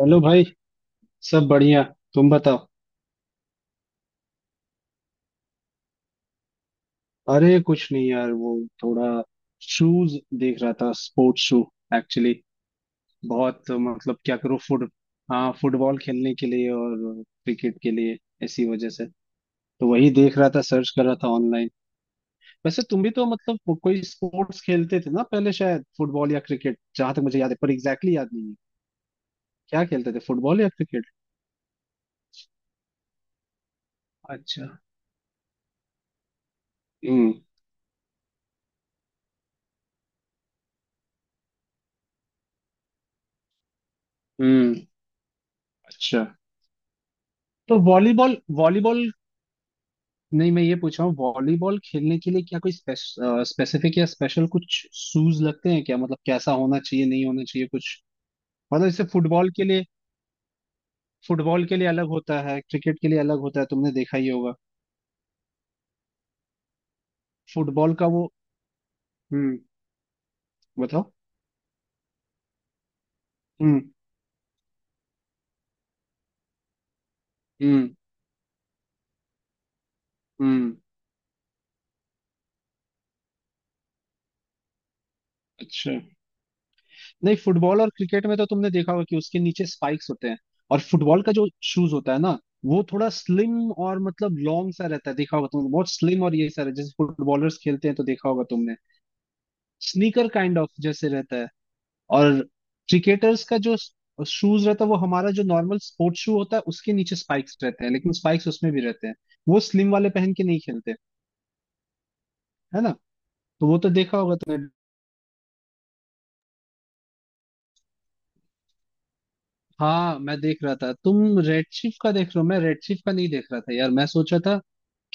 Hello भाई। सब बढ़िया। तुम बताओ। अरे कुछ नहीं यार। वो थोड़ा शूज देख रहा था, स्पोर्ट्स शू एक्चुअली। बहुत मतलब क्या करूँ फुट हाँ, फुटबॉल खेलने के लिए और क्रिकेट के लिए, इसी वजह से। तो वही देख रहा था, सर्च कर रहा था ऑनलाइन। वैसे तुम भी तो मतलब कोई स्पोर्ट्स खेलते थे ना पहले, शायद फुटबॉल या क्रिकेट, जहां तक मुझे याद है, पर एग्जैक्टली याद नहीं है। क्या खेलते थे, फुटबॉल या क्रिकेट? अच्छा। हम्म। हम्म। अच्छा। तो वॉलीबॉल वॉलीबॉल। नहीं, मैं ये पूछ रहा हूँ, वॉलीबॉल खेलने के लिए क्या कोई स्पेसिफिक या स्पेशल कुछ शूज लगते हैं क्या? मतलब कैसा होना चाहिए, नहीं होना चाहिए कुछ। मतलब जैसे फुटबॉल के लिए, फुटबॉल के लिए अलग होता है, क्रिकेट के लिए अलग होता है, तुमने देखा ही होगा। फुटबॉल का वो। हम्म। बताओ। हम्म। हम्म। हम्म। अच्छा। नहीं, फुटबॉल और क्रिकेट में तो तुमने देखा होगा कि उसके नीचे स्पाइक्स होते हैं। और फुटबॉल का जो शूज होता है ना, वो थोड़ा स्लिम और मतलब लॉन्ग सा रहता है, देखा होगा तुमने। बहुत स्लिम, और ये सारा जैसे फुटबॉलर्स खेलते हैं, तो देखा होगा तुमने। स्नीकर काइंड ऑफ जैसे रहता है। और क्रिकेटर्स का जो शूज रहता है, वो हमारा जो नॉर्मल स्पोर्ट्स शू होता है उसके नीचे स्पाइक्स रहते हैं, लेकिन स्पाइक्स उसमें भी रहते हैं। वो स्लिम वाले पहन के नहीं खेलते, है ना। तो वो तो देखा होगा तुमने। हाँ मैं देख रहा था, तुम रेड शिफ्ट का देख रहे हो, मैं रेड शिफ्ट का नहीं देख रहा था यार। मैं सोचा था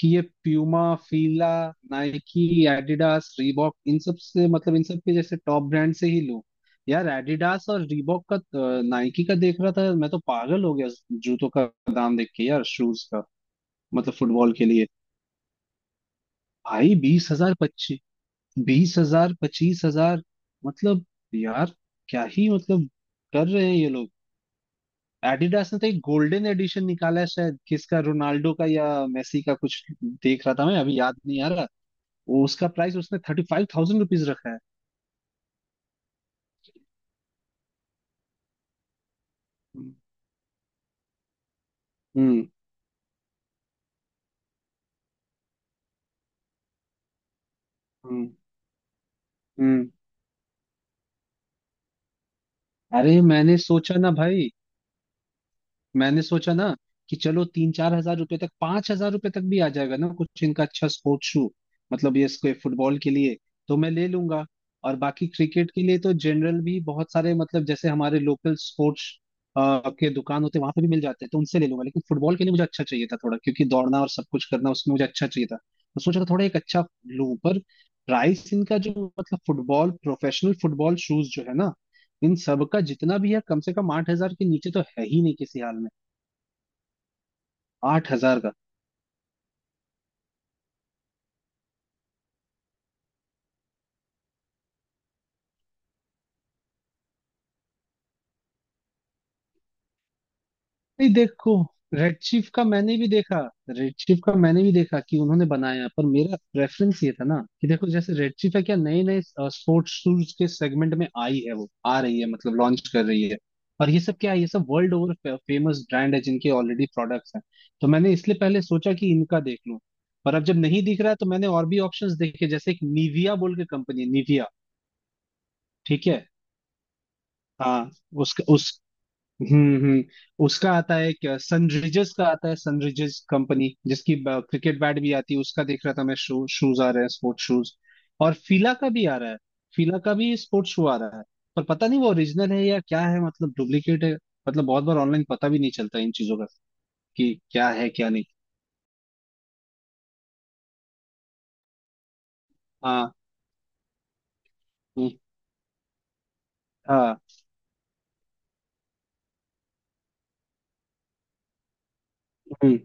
कि ये Puma, Fila, Nike, Adidas, Reebok, इन सब से मतलब इन सब के जैसे टॉप ब्रांड से ही लूं। यार एडिडास और रीबॉक का, नाइकी का देख रहा था, मैं तो पागल हो गया जूतों का दाम देख के। यार शूज का मतलब फुटबॉल के लिए। भाई 20,000, 25, 20,000 25,000, मतलब यार क्या ही मतलब कर रहे हैं ये लोग। एडिडास ने तो एक गोल्डन एडिशन निकाला है, शायद किसका, रोनाल्डो का या मेसी का कुछ, देख रहा था मैं, अभी याद नहीं आ रहा। वो उसका प्राइस उसने 35,000 रुपीज रखा है। हम्म। हम्म। हम्म। अरे मैंने सोचा ना भाई, मैंने सोचा ना कि चलो 3 4 हजार रुपए तक, 5,000 रुपए तक भी आ जाएगा ना कुछ इनका अच्छा स्पोर्ट्स शू, मतलब ये इसको फुटबॉल के लिए तो मैं ले लूंगा। और बाकी क्रिकेट के लिए तो जनरल भी बहुत सारे, मतलब जैसे हमारे लोकल स्पोर्ट्स के दुकान होते हैं, वहां पे भी मिल जाते हैं, तो उनसे ले लूंगा। लेकिन फुटबॉल के लिए मुझे अच्छा चाहिए था थोड़ा, क्योंकि दौड़ना और सब कुछ करना उसमें, मुझे अच्छा चाहिए था, तो सोचा था थोड़ा एक अच्छा लूं। पर प्राइस इनका जो, मतलब फुटबॉल, प्रोफेशनल फुटबॉल शूज जो है ना, इन सब का जितना भी है, कम से कम 8,000 के नीचे तो है ही नहीं किसी हाल में। 8,000 का। नहीं देखो, रेड चीफ का मैंने भी देखा, रेड चीफ का मैंने भी देखा कि उन्होंने बनाया, पर मेरा प्रेफरेंस ये था ना कि देखो, जैसे रेड चीफ है क्या, नए नए स्पोर्ट्स शूज के सेगमेंट में आई है, वो आ रही है मतलब लॉन्च कर रही है। और ये सब क्या है, ये सब वर्ल्ड ओवर फेमस ब्रांड है जिनके ऑलरेडी प्रोडक्ट्स हैं। तो मैंने इसलिए पहले सोचा कि इनका देख लूं। पर अब जब नहीं दिख रहा है, तो मैंने और भी ऑप्शंस देखे, जैसे एक निविया बोल के कंपनी है, निविया। ठीक है। हाँ। उसका उस। हम्म। हम्म। उसका आता है क्या, सनरिजर्स का आता है, सनरिजर्स कंपनी जिसकी क्रिकेट बैट भी आती है, उसका देख रहा था मैं, शूज आ रहे हैं, स्पोर्ट्स शूज। और फीला का भी आ रहा है। फीला का भी स्पोर्ट्स शू आ रहा है। पर पता नहीं वो ओरिजिनल है या क्या है, मतलब डुप्लीकेट है, मतलब बहुत बार ऑनलाइन पता भी नहीं चलता इन चीजों का कि क्या है क्या नहीं। हाँ। हम्म। हाँ। हम्म।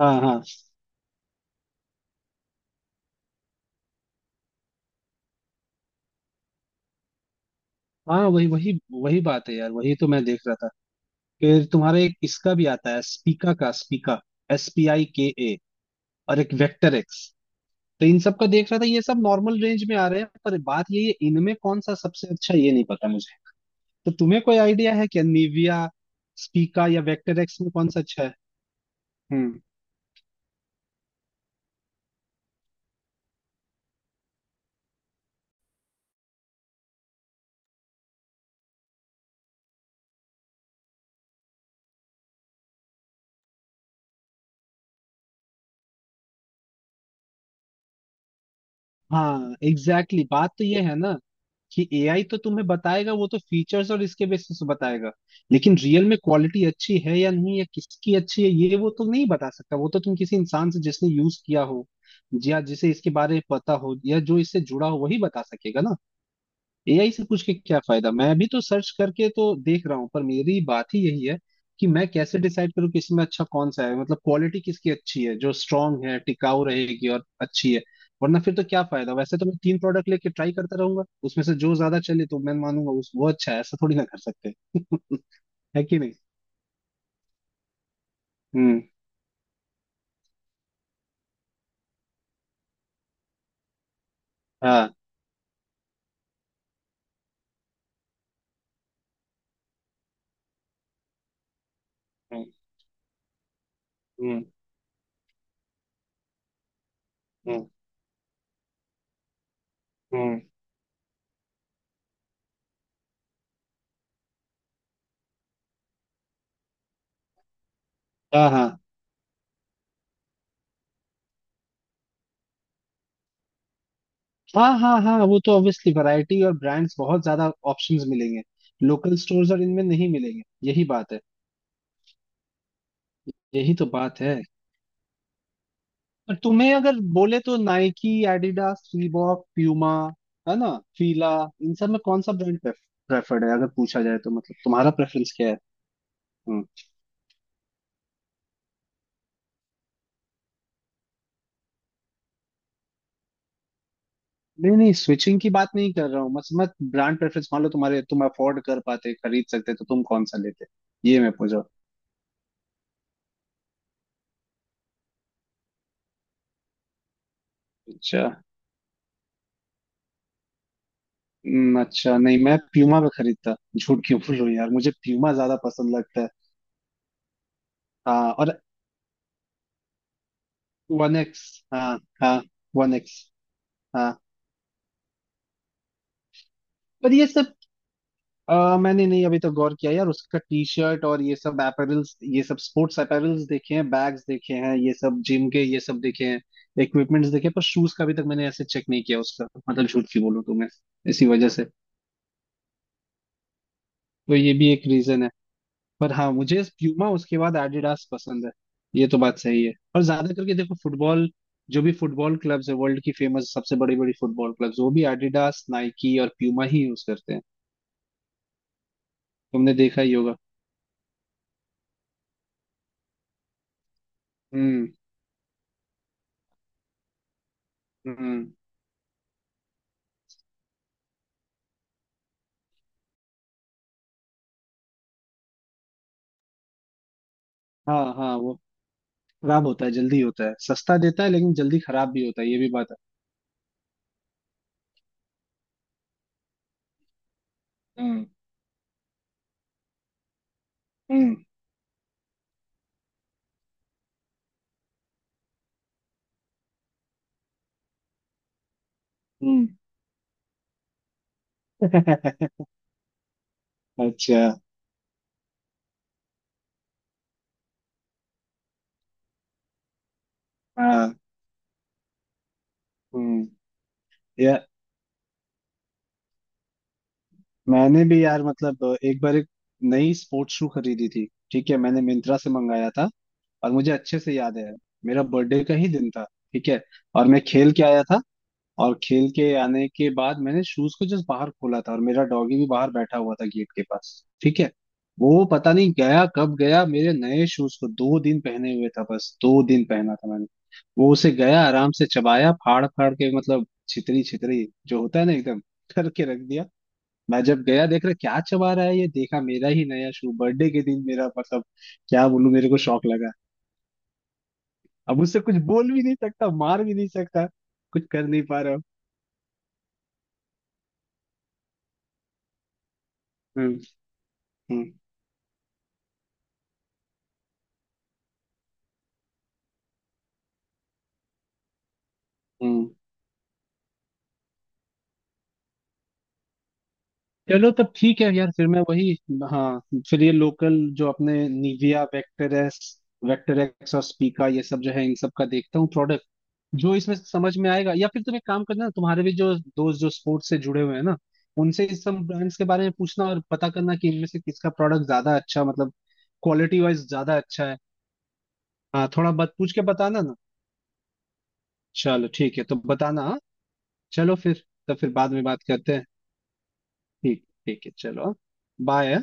हाँ हाँ हाँ वही वही। वही बात है यार, वही तो मैं देख रहा था। फिर तुम्हारे एक इसका भी आता है, स्पीका, का Spika, S P I K A. और एक वेक्टर एक्स। तो इन सब का देख रहा था, ये सब नॉर्मल रेंज में आ रहे हैं, पर बात ये है इनमें कौन सा सबसे अच्छा ये नहीं पता मुझे। तो तुम्हें कोई आइडिया है क्या, निविया, स्पीका या वेक्टर एक्स में कौन सा अच्छा है? हम्म। हाँ एग्जैक्टली, exactly। बात तो ये है ना कि एआई तो तुम्हें बताएगा, वो तो फीचर्स और इसके बेसिस पे बताएगा, लेकिन रियल में क्वालिटी अच्छी है या नहीं, या किसकी अच्छी है, ये वो तो नहीं बता सकता। वो तो तुम किसी इंसान से, जिसने यूज किया हो, या जिसे इसके बारे में पता हो, या जो इससे जुड़ा हो, वही बता सकेगा ना। एआई से पूछ के क्या फायदा। मैं भी तो सर्च करके तो देख रहा हूँ, पर मेरी बात ही यही है कि मैं कैसे डिसाइड करूँ कि इसमें अच्छा कौन सा है, मतलब क्वालिटी किसकी अच्छी है जो स्ट्रांग है, टिकाऊ रहेगी और अच्छी है। वरना फिर तो क्या फायदा। वैसे तो मैं तीन प्रोडक्ट लेके ट्राई करता रहूंगा, उसमें से जो ज्यादा चले तो मैं मानूंगा उस वो अच्छा है, ऐसा थोड़ी ना कर सकते। है कि नहीं। हम्म। हाँ। हम्म। हम्म। हम्म। हम्म। हाँ हाँ हाँ हाँ। हाँ वो तो ऑब्वियसली वैरायटी और ब्रांड्स, बहुत ज्यादा ऑप्शंस मिलेंगे, लोकल स्टोर्स और इनमें नहीं मिलेंगे। यही बात है। यही तो बात है। और तुम्हें अगर बोले तो नाइकी, एडिडास, रीबॉक, प्यूमा, है ना, फीला, इन सब में कौन सा ब्रांड प्रेफर्ड है अगर पूछा जाए तो, मतलब तुम्हारा प्रेफरेंस क्या है? हम्म। नहीं नहीं, स्विचिंग की बात नहीं कर रहा हूँ। मत मत ब्रांड प्रेफरेंस मान लो तुम्हारे, तुम अफोर्ड कर पाते, खरीद सकते, तो तुम कौन सा लेते? ये मैं पूछा। अच्छा। हम्म। अच्छा, नहीं मैं प्यूमा पे खरीदता, झूठ क्यों बोल रहा हूँ यार, मुझे प्यूमा ज्यादा पसंद लगता है। हाँ और वन एक्स। हाँ। हाँ वन एक्स। हाँ। पर ये सब मैंने नहीं अभी तक गौर किया यार, उसका टी शर्ट और ये सब अपैरल्स, ये सब स्पोर्ट्स अपैरल्स देखे हैं, बैग्स देखे हैं, ये सब जिम के ये सब देखे हैं, इक्विपमेंट्स देखे हैं, पर शूज का अभी तक मैंने ऐसे चेक नहीं किया उसका, मतलब झूठ की बोलूं तो मैं, इसी वजह से, तो ये भी एक रीजन है। पर हाँ, मुझे प्यूमा, उसके बाद एडिडास पसंद है। ये तो बात सही है। और ज्यादा करके देखो फुटबॉल, जो भी फुटबॉल क्लब्स है वर्ल्ड की फेमस, सबसे बड़ी बड़ी फुटबॉल क्लब्स, वो भी एडिडास, नाइकी और प्यूमा ही यूज करते हैं। तुमने देखा ही होगा। हम्म। हम्म। हाँ हाँ। वो खराब होता है जल्दी, होता है सस्ता, देता है लेकिन जल्दी खराब भी होता है, ये भी बात है। हम्म। हम्म। हम्म। अच्छा। हाँ। हम्म। या। मैंने भी यार, मतलब एक बार एक नई स्पोर्ट्स शू खरीदी थी, ठीक है, मैंने मिंत्रा से मंगाया था, और मुझे अच्छे से याद है, मेरा बर्थडे का ही दिन था, ठीक है, और मैं खेल के आया था, और खेल के आने के बाद मैंने शूज को जस्ट बाहर खोला था, और मेरा डॉगी भी बाहर बैठा हुआ था गेट के पास, ठीक है। वो पता नहीं गया कब गया, मेरे नए शूज को 2 दिन पहने हुए था, बस 2 दिन पहना था मैंने। वो उसे गया आराम से चबाया, फाड़ फाड़ के, मतलब छितरी छितरी जो होता है ना, एकदम करके रख दिया। मैं जब गया, देख रहा क्या चबा रहा है, ये देखा मेरा ही नया शू, बर्थडे के दिन मेरा, मतलब क्या बोलूं, मेरे को शौक लगा। अब उससे कुछ बोल भी नहीं सकता, मार भी नहीं सकता, कुछ कर नहीं पा रहा हूँ। हम्म। हम्म। हम्म। चलो तब ठीक है यार, फिर मैं वही। हाँ। फिर ये लोकल जो अपने निविया, वेक्टरेस, वेक्टरेक्स और स्पीका, ये सब जो है, इन सब का देखता हूँ प्रोडक्ट, जो इसमें समझ में आएगा। या फिर तुम एक काम करना, तुम्हारे भी जो दोस्त जो स्पोर्ट्स से जुड़े हुए हैं ना, उनसे इस सब ब्रांड्स के बारे में पूछना और पता करना कि इनमें से किसका प्रोडक्ट ज्यादा अच्छा, मतलब क्वालिटी वाइज ज्यादा अच्छा है। हाँ थोड़ा बात पूछ के बताना ना। चलो ठीक है, तो बताना, हाँ? चलो फिर तो फिर बाद में बात करते हैं। ठीक, ठीक है। चलो। बाय।